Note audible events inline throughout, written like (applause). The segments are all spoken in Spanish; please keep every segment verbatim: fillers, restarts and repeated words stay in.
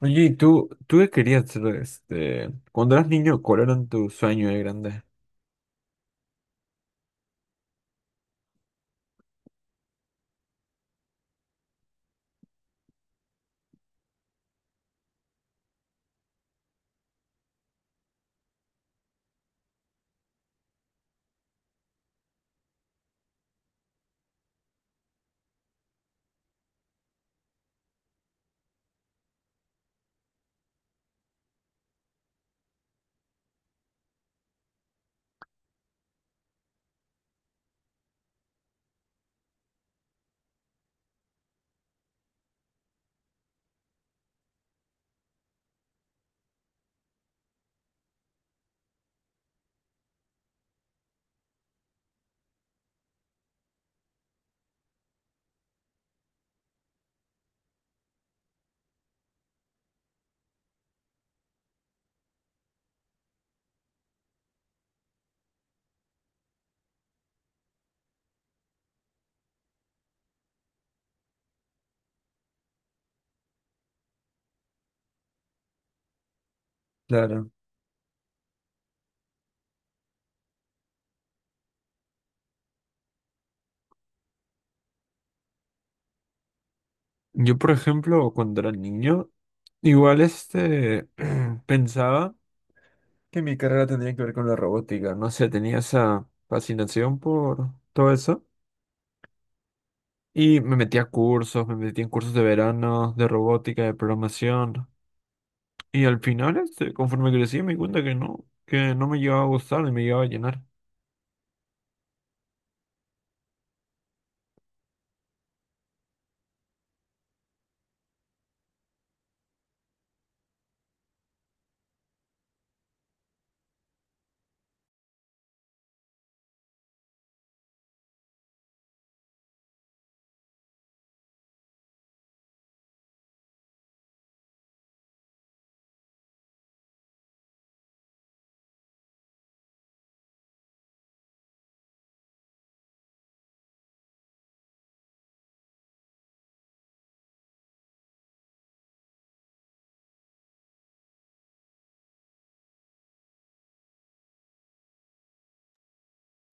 Oye, ¿y tú, tú qué querías ser, este, cuando eras niño, cuál era tu sueño de grande? Claro. Yo, por ejemplo, cuando era niño, igual este, (clears throat) pensaba que mi carrera tendría que ver con la robótica. No sé, tenía esa fascinación por todo eso. Y me metí a cursos, me metí en cursos de verano, de robótica, de programación. Y al final, este, conforme crecí, me di cuenta que no, que no me llegaba a gustar y me llegaba a llenar.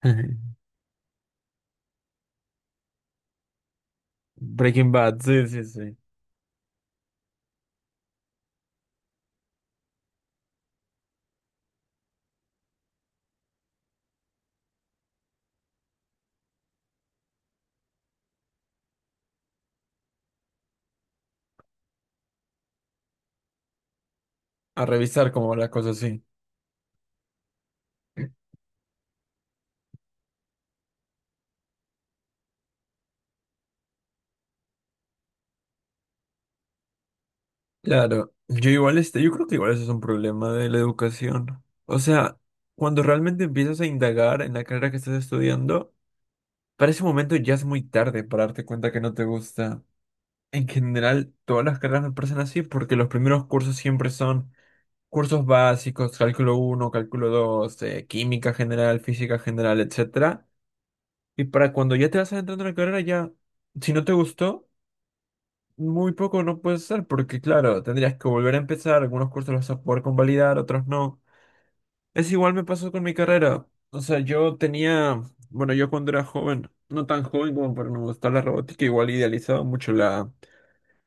(laughs) Breaking Bad, sí, sí, sí. A revisar como la cosa así. Claro, yo igual este, yo creo que igual eso es un problema de la educación. O sea, cuando realmente empiezas a indagar en la carrera que estás estudiando, para ese momento ya es muy tarde para darte cuenta que no te gusta. En general, todas las carreras me parecen así porque los primeros cursos siempre son cursos básicos, cálculo uno, cálculo dos, eh, química general, física general, etcétera. Y para cuando ya te vas adentrando en la carrera, ya, si no te gustó, muy poco no puede ser porque, claro, tendrías que volver a empezar, algunos cursos los vas a poder convalidar, otros no. Es igual me pasó con mi carrera. O sea, yo tenía, bueno, yo cuando era joven, no tan joven como para no gustar la robótica, igual idealizaba mucho la,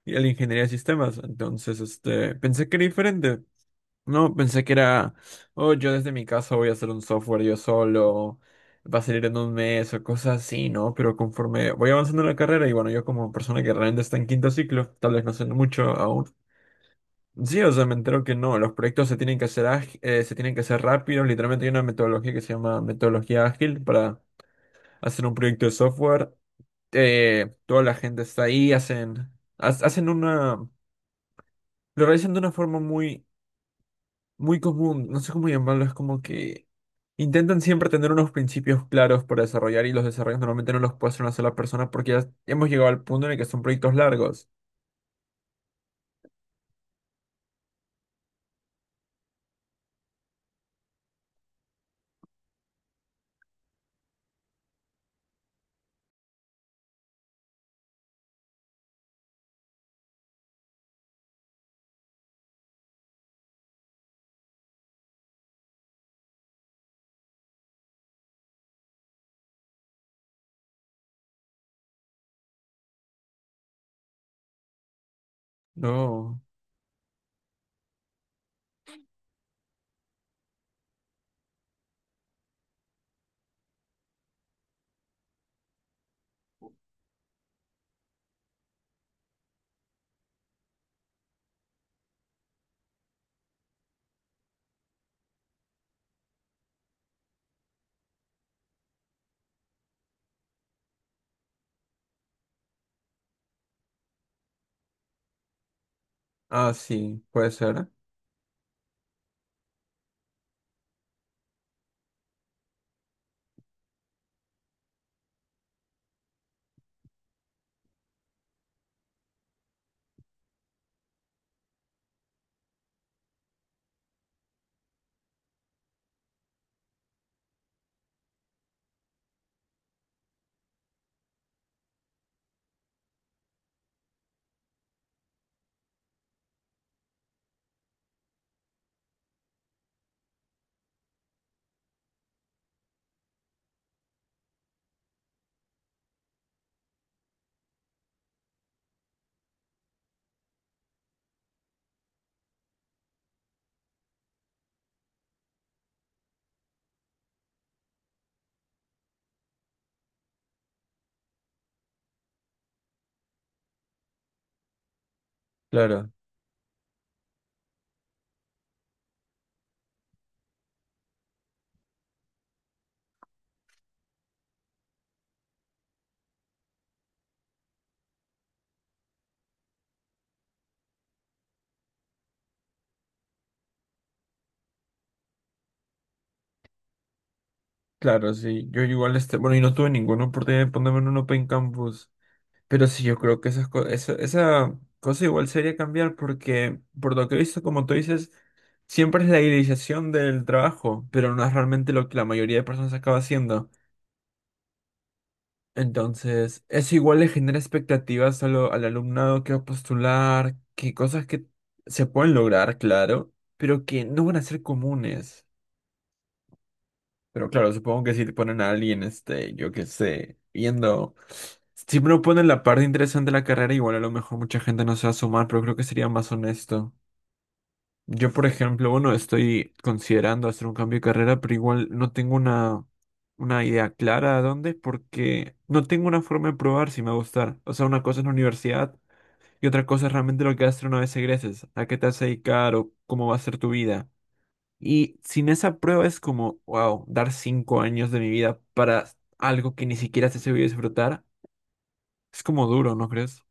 la ingeniería de sistemas. Entonces, este, pensé que era diferente. No, pensé que era, oh, yo desde mi casa voy a hacer un software yo solo, va a salir en un mes o cosas así, ¿no? Pero conforme voy avanzando en la carrera y bueno, yo como persona que realmente está en quinto ciclo, tal vez no sé mucho aún. Sí, o sea, me entero que no, los proyectos se tienen que hacer ági- eh, se tienen que hacer rápido, literalmente hay una metodología que se llama metodología ágil para hacer un proyecto de software, eh, toda la gente está ahí, hacen, ha- hacen una, lo realizan de una forma muy muy común, no sé cómo llamarlo, es como que intentan siempre tener unos principios claros para desarrollar y los desarrollos normalmente no los puede hacer una sola persona porque ya hemos llegado al punto en el que son proyectos largos. No. Ah, sí, puede ser. Claro, claro, sí. Yo igual, este, bueno, y no tuve ninguna oportunidad de ponerme en un Open Campus, pero sí, yo creo que esas co- esa, esa cosa igual sería cambiar porque, por lo que he visto, como tú dices, siempre es la idealización del trabajo, pero no es realmente lo que la mayoría de personas acaba haciendo. Entonces, eso igual le genera expectativas a lo- al alumnado que va a postular, que cosas que se pueden lograr, claro, pero que no van a ser comunes. Pero claro, supongo que si te ponen a alguien, este, yo qué sé, viendo, si no ponen la parte interesante de la carrera, igual a lo mejor mucha gente no se va a sumar, pero creo que sería más honesto. Yo, por ejemplo, bueno, estoy considerando hacer un cambio de carrera, pero igual no tengo una, una idea clara a dónde, porque no tengo una forma de probar si me va a gustar. O sea, una cosa es la universidad y otra cosa es realmente lo que vas a hacer una vez egreses, a qué te vas a dedicar o cómo va a ser tu vida. Y sin esa prueba es como, wow, dar cinco años de mi vida para algo que ni siquiera sé si voy a disfrutar. Es como duro, ¿no crees?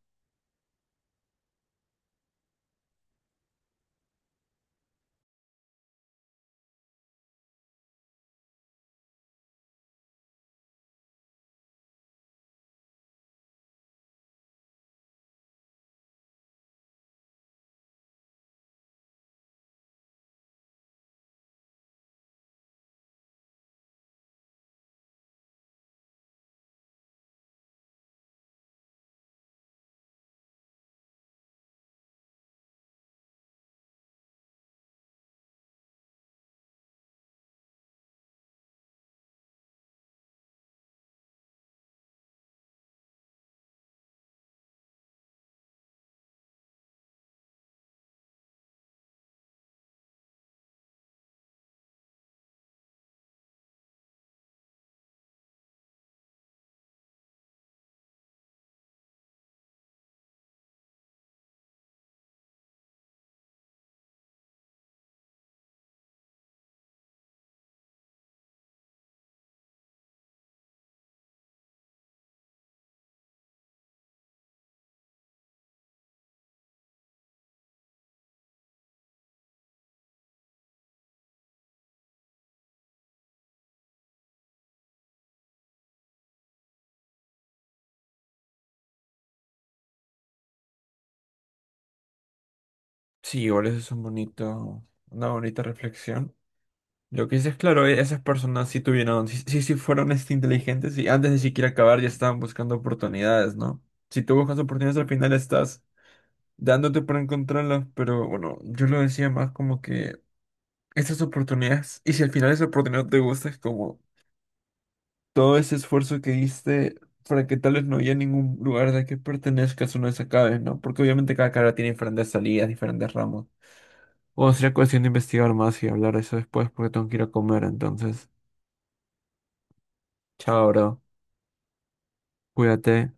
Sí, igual eso es un bonito, una bonita reflexión. Lo que dices, claro, e- esas personas sí tuvieron, sí, sí, sí fueron este, inteligentes y antes de siquiera acabar ya estaban buscando oportunidades, ¿no? Si tú buscas oportunidades al final estás dándote para encontrarlas, pero bueno, yo lo decía más como que esas oportunidades, y si al final esa oportunidad no te gusta, es como todo ese esfuerzo que diste para que tal vez no haya ningún lugar de que pertenezcas o no se acabe, ¿no? Porque obviamente cada carrera tiene diferentes salidas, diferentes ramos. O sería cuestión de investigar más y hablar de eso después porque tengo que ir a comer, entonces, chao, bro. Cuídate.